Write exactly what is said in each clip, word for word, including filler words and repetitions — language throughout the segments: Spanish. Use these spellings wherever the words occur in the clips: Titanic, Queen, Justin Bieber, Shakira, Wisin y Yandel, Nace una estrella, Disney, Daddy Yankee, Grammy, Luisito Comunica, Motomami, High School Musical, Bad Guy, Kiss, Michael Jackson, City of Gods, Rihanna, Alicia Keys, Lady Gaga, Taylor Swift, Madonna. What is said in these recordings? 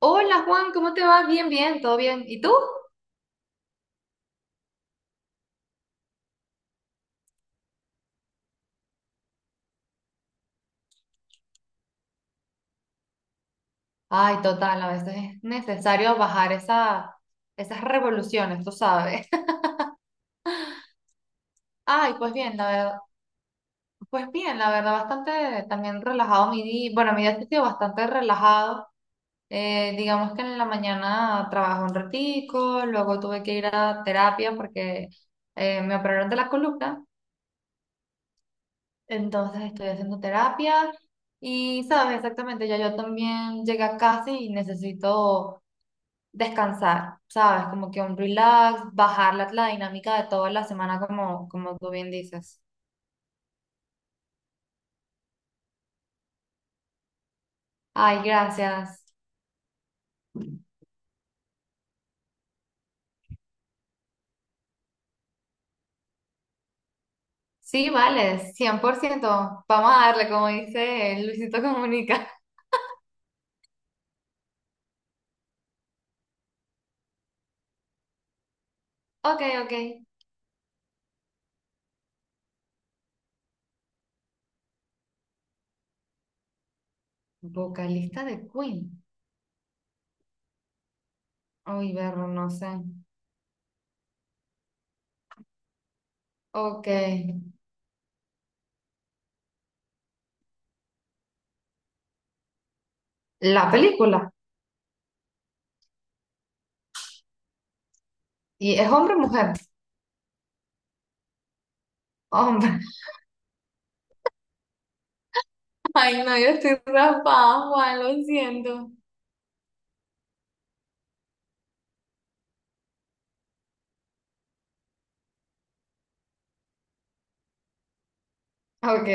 Hola Juan, ¿cómo te va? Bien, bien, todo bien. ¿Y tú? Ay, total, a veces es necesario bajar esa, esas revoluciones, tú sabes. Ay, pues bien, la verdad, pues bien, la verdad, bastante también relajado mi día. Bueno, mi día ha sido bastante relajado. Eh, digamos que en la mañana trabajé un ratico, luego tuve que ir a terapia porque eh, me operaron de la columna, entonces estoy haciendo terapia y sabes exactamente, ya yo también llegué a casa y necesito descansar, ¿sabes? Como que un relax, bajar la, la dinámica de toda la semana, como, como tú bien dices. Ay, gracias. Sí, vale, cien por ciento. Vamos a darle, como dice Luisito Comunica. Ok, ok. Vocalista de Queen. Uy, verlo, no sé. Ok. La película. ¿Y es hombre o mujer? Hombre. Ay, no, yo estoy raspada, Juan, lo siento. Ok.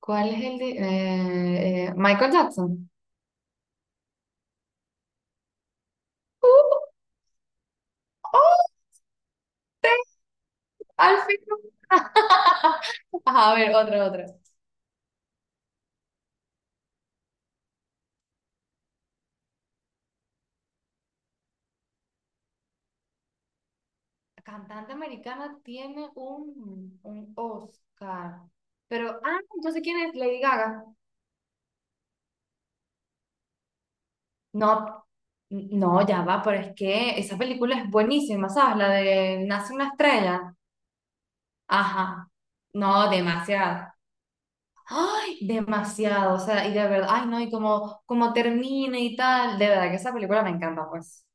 ¿Cuál es el de, eh, eh, Michael Jackson? Uh, oh. Al fin. Ajá, a ver, otra, otra. Cantante americana tiene un, un Oscar. Pero, ah, entonces, ¿quién es? Lady Gaga. No, n- no, ya va, pero es que esa película es buenísima, ¿sabes? La de Nace una estrella. Ajá. No, demasiado. Ay, demasiado. O sea, y de verdad, ay, no, y como, como termina y tal. De verdad que esa película me encanta, pues.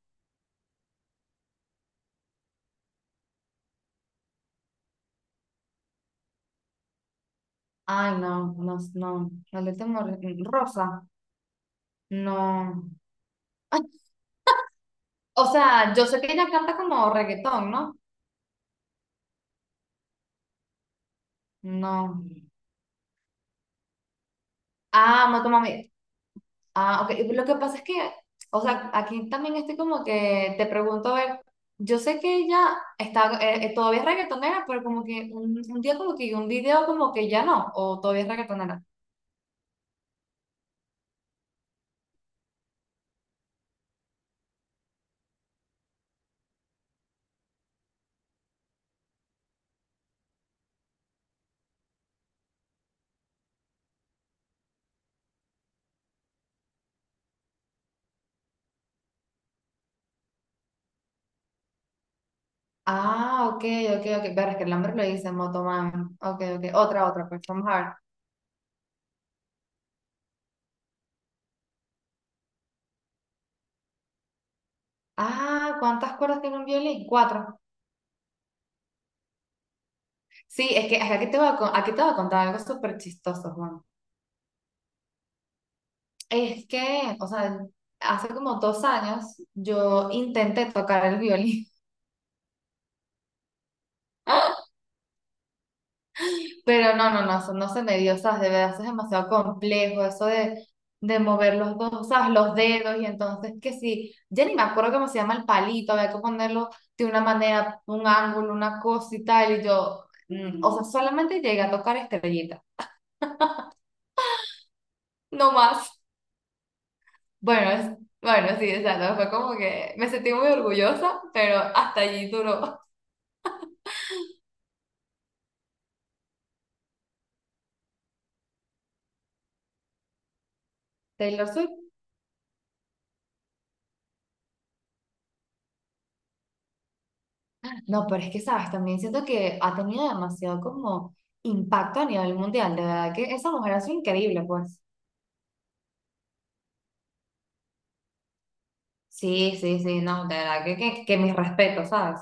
Ay, no, no, no. La última, Rosa. No. Ay, o sea, yo sé que ella canta como reggaetón, ¿no? No. Ah, Moto Mami. Ah, ok. Lo que pasa es que, o sea, aquí también estoy como que te pregunto, a ver, yo sé que ella está, eh, eh, todavía es reggaetonera, pero como que un, un día como que un video como que ya no, o todavía es reggaetonera. Ah, ok, ok, ok. Pero es que el nombre lo dice Motomami Mami. Ok, ok. Otra, otra, pues vamos a ver. Ah, ¿cuántas cuerdas tiene un violín? Cuatro. Sí, es que aquí te voy a, con- aquí te voy a contar algo súper chistoso, Juan. Es que, o sea, hace como dos años yo intenté tocar el violín, pero no, no, no, eso no se me dio, sabes, de verdad, eso es demasiado complejo, eso de, de mover los dos, ¿sabes? Los dedos, y entonces que sí, ya ni me acuerdo cómo se llama el palito, había que ponerlo de una manera, un ángulo, una cosa y tal, y yo, mm, o sea, solamente llegué a tocar estrellita, no más. Bueno, es- bueno, sí, exacto. Fue como que me sentí muy orgullosa, pero hasta allí duró. Taylor Swift. No, pero es que, sabes, también siento que ha tenido demasiado como impacto a nivel mundial. De verdad que esa mujer ha sido increíble, pues. Sí, sí, sí, no, de verdad que, que, que mis respetos, ¿sabes?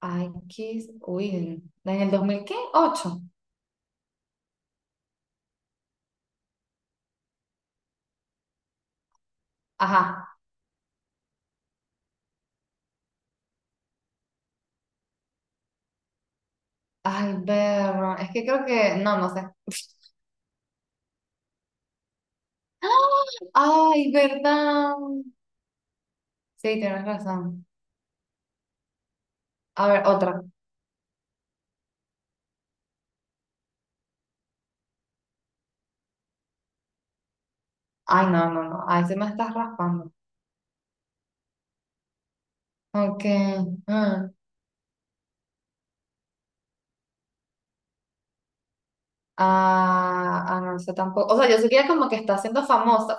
Ay, Kiss, uy, en en el dos mil ¿qué? Ocho. Ajá. Ay, ver, es que creo que, no, no sé. Ay, verdad. Sí, tienes razón. A ver, otra. Ay, no, no, no, ahí se me estás raspando. Ok. Mm. Ah, ah, no sé tampoco. O sea, yo sé que ella como que está siendo famosa,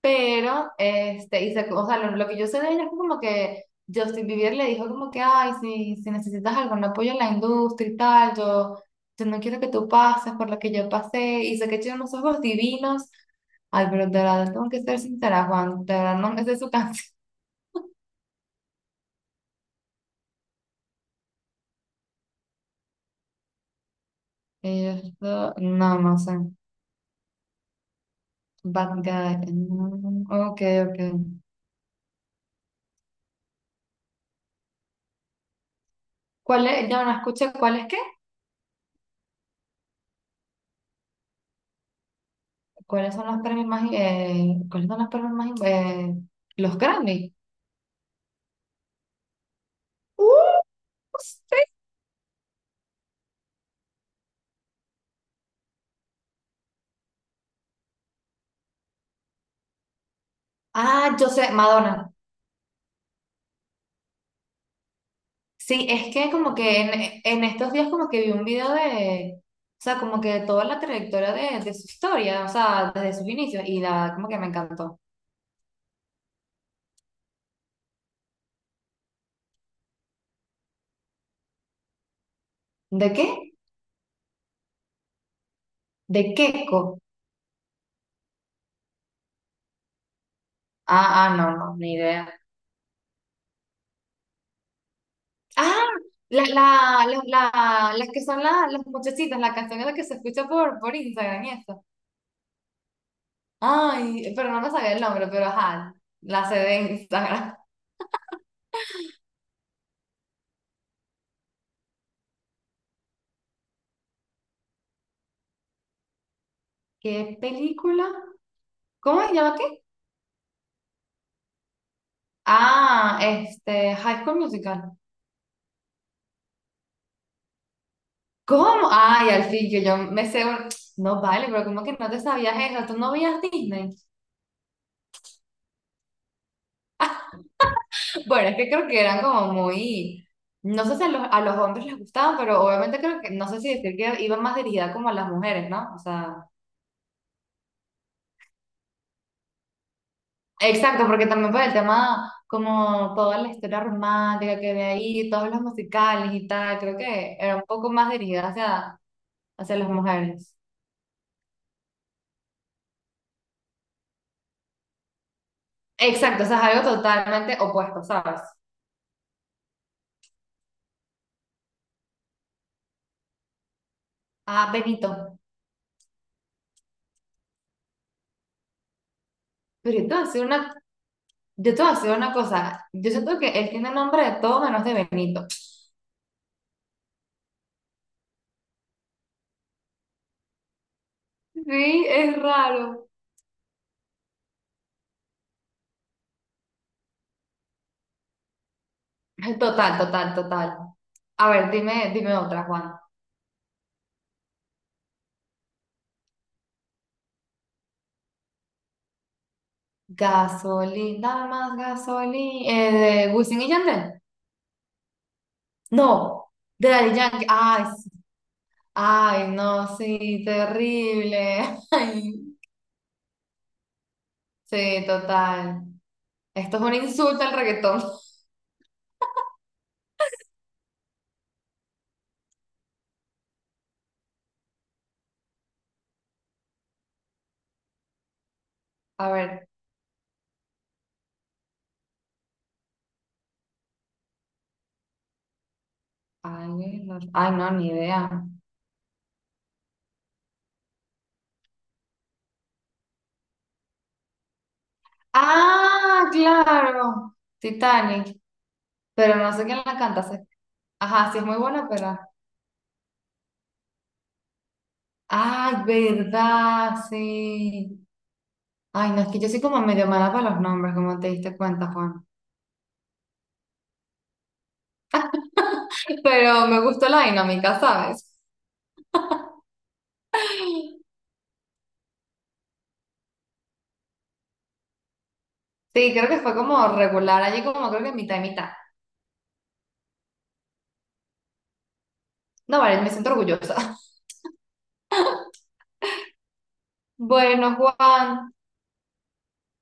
pero, este, y se- o sea, lo, lo que yo sé de ella es como que Justin Bieber le dijo como que, ay, si, si necesitas algún apoyo en la industria y tal, yo, yo no quiero que tú pases por lo que yo pasé, y sé que tiene unos ojos divinos. Ay, pero de verdad, tengo que ser sincera, Juan, de verdad, no me sé su canción. Y yo, no, no sé. Bad Guy. Mm, ok, ok. ¿Cuál es? No, no escuché. ¿Cuál es qué? ¿Cuáles son los premios más... eh, ¿cuáles son los premios más... eh, los Grammy? ¡Uh! Sí. Ah, yo sé, Madonna. Sí, es que como que en, en estos días como que vi un video de, o sea, como que de toda la trayectoria de, de su historia, o sea, desde sus inicios, y la, como que me encantó. ¿De qué? De Keiko. Ah, ah, no, no, ni idea. Ah, la, la, la, la- las que son la- las muchachitas, la canción es la que se escucha por, por Instagram y eso. Ay, pero no me sabía el nombre, pero ajá, la sé de Instagram. ¿Qué película? ¿Cómo se llama qué? Ah, este, High School Musical. ¿Cómo? Ay, al fin, yo, yo me sé un- No vale, pero ¿cómo que no te sabías eso? ¿Tú no veías Disney? Bueno, es que creo que eran como muy. No sé si a los, a los hombres les gustaban, pero obviamente creo que, no sé si decir que iban más dirigida como a las mujeres, ¿no? O sea. Exacto, porque también por el tema, como toda la historia romántica que había ahí, todos los musicales y tal, creo que era un poco más dirigida hacia, hacia, las mujeres. Exacto, o sea, es algo totalmente opuesto, ¿sabes? Ah, Benito. Pero yo te voy a decir una, yo te voy a decir una cosa, yo siento que él tiene nombre de todo menos de Benito. Sí, es raro. Total, total, total. A ver, dime, dime otra, Juan. Gasolina, más gasolina, eh, de Wisin y Yandel. No, de Daddy Yankee. Ay, sí. Ay, no, sí, terrible. Ay, sí, total. Esto es un insulto al reggaetón. A ver. Ay, no, ay, no, ni idea. Ah, claro. Titanic. Pero no sé quién la canta. Sí. Ajá, sí es muy buena, pero. Ay, verdad, sí. Ay, no, es que yo soy como medio mala para los nombres, como te diste cuenta, Juan. Pero me gustó la dinámica, ¿sabes? Sí, creo que fue como regular, allí como creo que mitad y mitad. No, vale, me siento orgullosa. Bueno, Juan,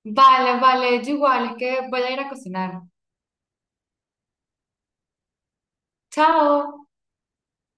vale, vale, yo igual, es que voy a ir a cocinar. Chao.